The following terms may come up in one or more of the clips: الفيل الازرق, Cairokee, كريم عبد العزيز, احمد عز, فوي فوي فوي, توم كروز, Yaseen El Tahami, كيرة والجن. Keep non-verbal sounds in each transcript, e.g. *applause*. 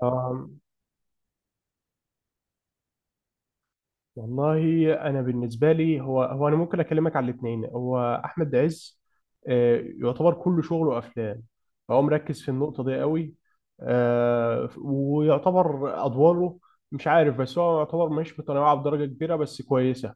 آم، والله انا بالنسبه لي هو، انا ممكن اكلمك على الاثنين. هو احمد عز، يعتبر كل شغله افلام. فهو مركز في النقطه دي قوي. ويعتبر ادواره، مش عارف، بس هو يعتبر مش متنوعه بدرجه كبيره بس كويسه.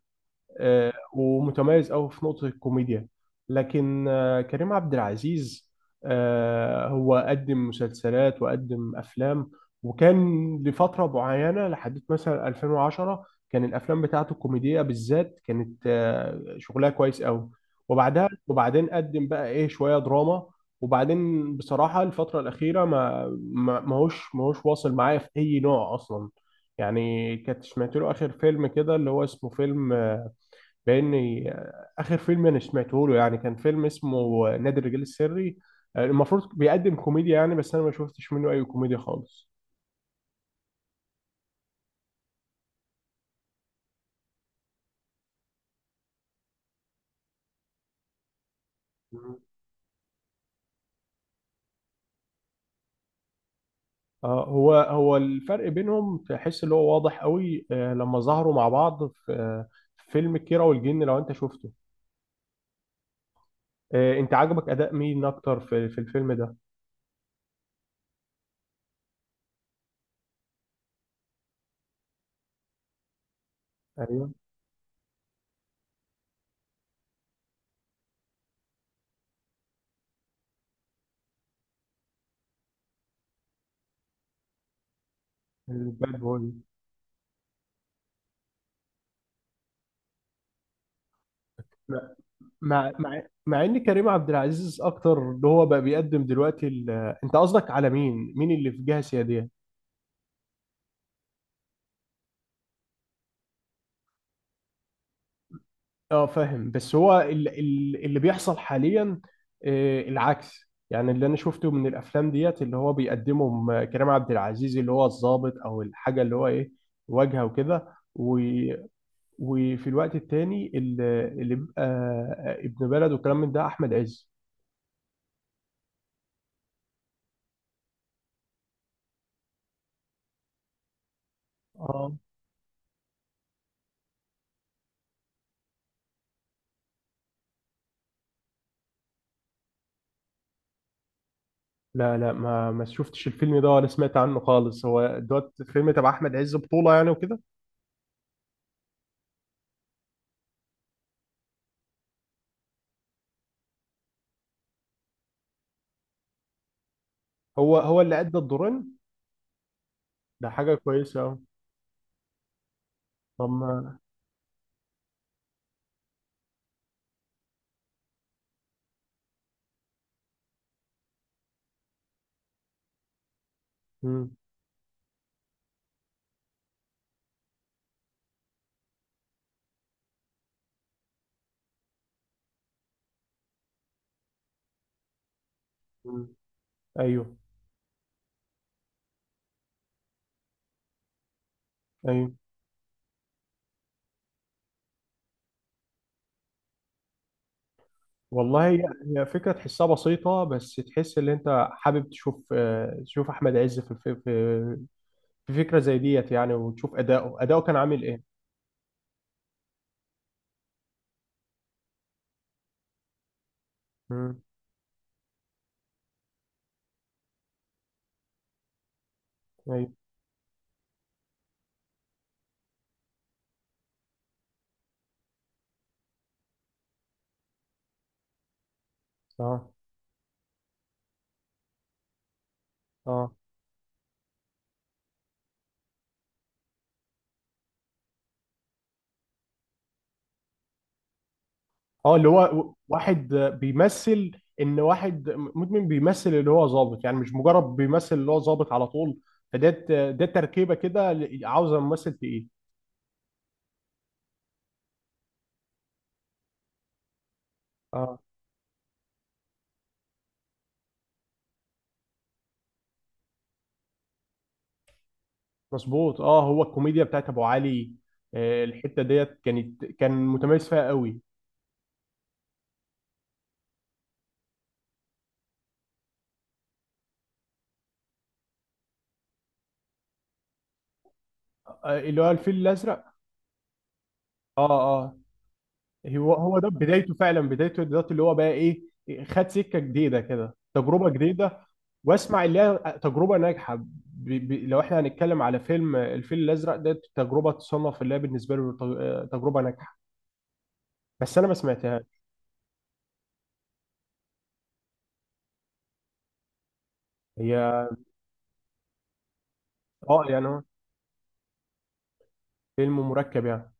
ومتميز قوي في نقطة الكوميديا. لكن كريم عبد العزيز، هو قدم مسلسلات وقدم أفلام. وكان لفترة معينة لحد مثلا 2010، كان الأفلام بتاعته الكوميدية بالذات كانت شغلها كويس قوي. وبعدها وبعدين قدم بقى إيه شوية دراما. وبعدين بصراحة الفترة الأخيرة ما هوش واصل معايا في أي نوع أصلا. يعني كنت سمعت له آخر فيلم كده اللي هو اسمه فيلم، لأن آخر فيلم أنا سمعته له يعني كان فيلم اسمه نادي الرجال السري. المفروض بيقدم كوميديا يعني، بس أنا ما شفتش منه أي كوميديا خالص. هو الفرق بينهم تحس اللي هو واضح قوي لما ظهروا مع بعض في فيلم كيرة والجن، لو أنت شفته. أنت عجبك أداء مين أكتر في الفيلم ده؟ ايوه، الباد بوي. مع ان كريم عبد العزيز اكتر اللي هو بقى بيقدم دلوقتي ال... انت قصدك على مين اللي في جهه سياديه؟ اه فاهم، بس هو اللي بيحصل حاليا العكس. يعني اللي انا شفته من الافلام ديت اللي هو بيقدمهم كريم عبد العزيز اللي هو الضابط او الحاجه اللي هو ايه، واجهه وكده. و- وفي الوقت التاني اللي بيبقى ابن بلد وكلام من ده احمد عز. اه لا لا، ما شفتش الفيلم ده ولا سمعت عنه خالص. هو دوت فيلم تبع احمد عز بطوله يعني وكده؟ هو اللي ادى الدورين؟ ده حاجه كويسه. اه، طب مم، مم. ايوه، ايوه. والله هي فكره تحسها بسيطه، بس تحس ان انت حابب تشوف تشوف احمد عز في في فكره زي ديت يعني، وتشوف اداؤه كان عامل ايه. امم. ايوه. اه، اه، اه، اللي هو واحد بيمثل ان واحد مدمن بيمثل اللي هو ظابط، يعني مش مجرد بيمثل اللي هو ظابط على طول. فده ده تركيبه كده عاوزه ممثل تقيل. اه، مظبوط. اه، هو الكوميديا بتاعت ابو علي، الحته ديت كانت كان متميز فيها قوي. اللي هو الفيل الازرق. اه، اه. هو ده بدايته فعلا، بدايته دلوقتي اللي هو بقى ايه، خد سكه جديده كده، تجربه جديده. واسمع، اللي هي تجربه ناجحه لو احنا هنتكلم على فيلم الفيل الازرق ده، تجربه تصنف اللي هي بالنسبه له تجربه ناجحه. بس انا ما سمعتهاش. هي اه، يعني هو فيلم مركب يعني.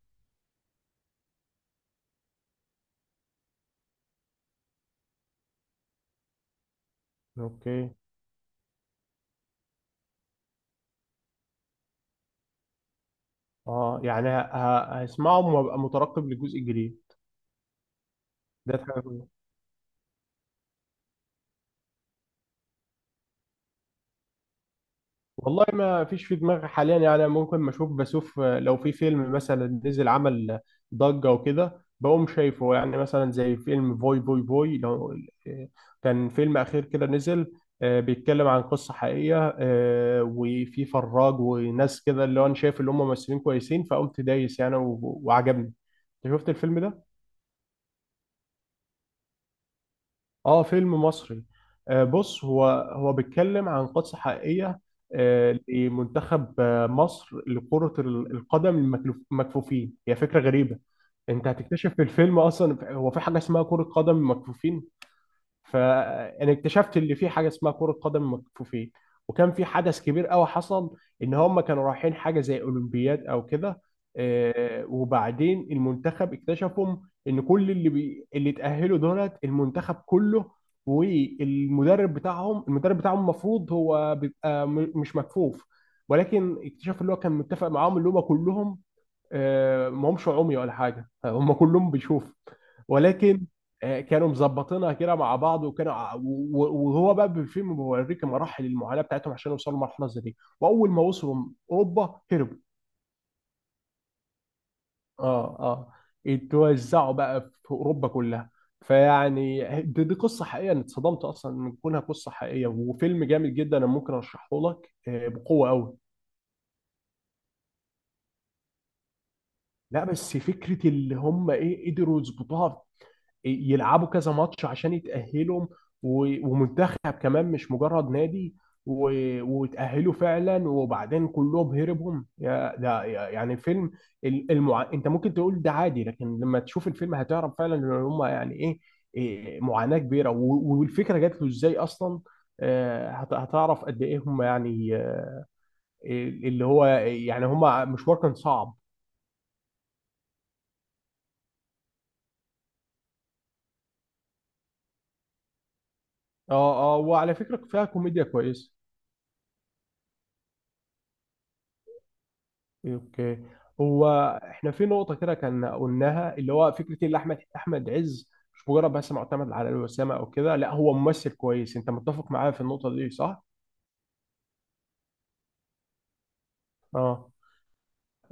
اوكي. اه، يعني هسمعه وابقى مترقب للجزء الجديد. ده حاجه. والله ما فيش في دماغي حاليا يعني، ممكن ما اشوف، بشوف لو في فيلم مثلا نزل عمل ضجة وكده بقوم شايفه يعني، مثلا زي فيلم فوي فوي فوي. لو كان فيلم أخير كده نزل، بيتكلم عن قصة حقيقية، وفي فراج وناس كده اللي هو أنا شايف اللي هم ممثلين كويسين فقمت دايس يعني وعجبني. أنت شفت الفيلم ده؟ اه، فيلم مصري. آه بص، هو هو بيتكلم عن قصة حقيقية لمنتخب مصر لكرة القدم، المكفوفين. هي فكرة غريبة. انت هتكتشف في الفيلم اصلا هو في حاجة اسمها كرة قدم مكفوفين. فانا اكتشفت ان في حاجه اسمها كره قدم مكفوفين. وكان في حدث كبير قوي حصل، ان هم كانوا رايحين حاجه زي اولمبياد او كده. وبعدين المنتخب اكتشفوا ان كل اللي اللي اتاهلوا دولت المنتخب كله، والمدرب بتاعهم المدرب بتاعهم المفروض هو بيبقى مش مكفوف. ولكن اكتشفوا اللي هو كان متفق معاهم اللي هم كلهم ما همش عمي ولا حاجه *laughs* هم كلهم بيشوفوا. ولكن كانوا مظبطينها كده مع بعض. وكانوا وهو بقى بالفيلم بيوريك مراحل المعاناه بتاعتهم عشان يوصلوا لمرحله زي دي. واول ما وصلوا اوروبا، هربوا. اه، اه. اتوزعوا بقى في اوروبا كلها. فيعني دي قصه حقيقيه. انا اتصدمت اصلا من كونها قصه حقيقيه، وفيلم جامد جدا. انا ممكن ارشحه لك بقوه قوي. لا بس فكره اللي هم ايه قدروا يظبطوها، يلعبوا كذا ماتش عشان يتأهلوا، ومنتخب كمان مش مجرد نادي. وتأهلوا فعلا، وبعدين كلهم هربهم يا ده يعني فيلم انت ممكن تقول ده عادي، لكن لما تشوف الفيلم هتعرف فعلا ان هم يعني ايه، إيه معاناة كبيرة والفكرة جات له ازاي اصلا. هتعرف قد ايه هم يعني اللي هو يعني هم مشوار كان صعب. اه، اه، وعلى فكرة فيها كوميديا كويسة. اوكي. هو احنا في نقطة كده كان قلناها، اللي هو فكرة إيه اللي احمد عز مش مجرد بس معتمد على الوسامة او كده. لا هو ممثل كويس، انت متفق معايا في النقطة دي صح؟ اه.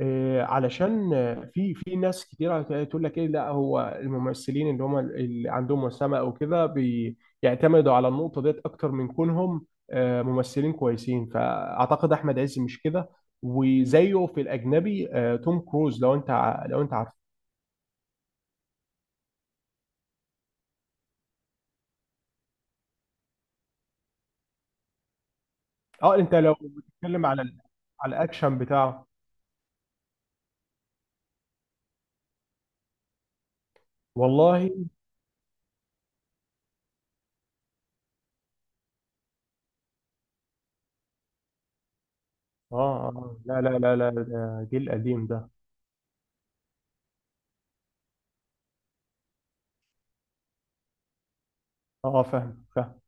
إيه علشان في ناس كتيرة تقول لك ايه، لا هو الممثلين اللي هم اللي عندهم وسامة او كده بيعتمدوا على النقطة ديت اكتر من كونهم ممثلين كويسين. فاعتقد احمد عز مش كده. وزيه في الاجنبي توم كروز. لو انت اه انت لو بتتكلم على على الاكشن بتاعه. والله. اه، اه، لا لا لا لا، ده جيل قديم ده. اه، فاهم فاهم.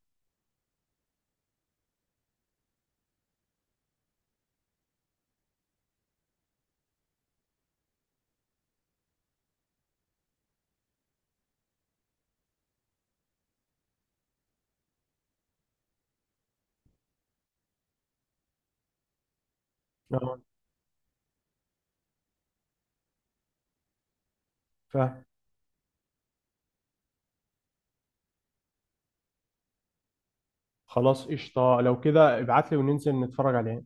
اه فاهم. خلاص قشطه، لو كده ابعت لي وننزل نتفرج عليه.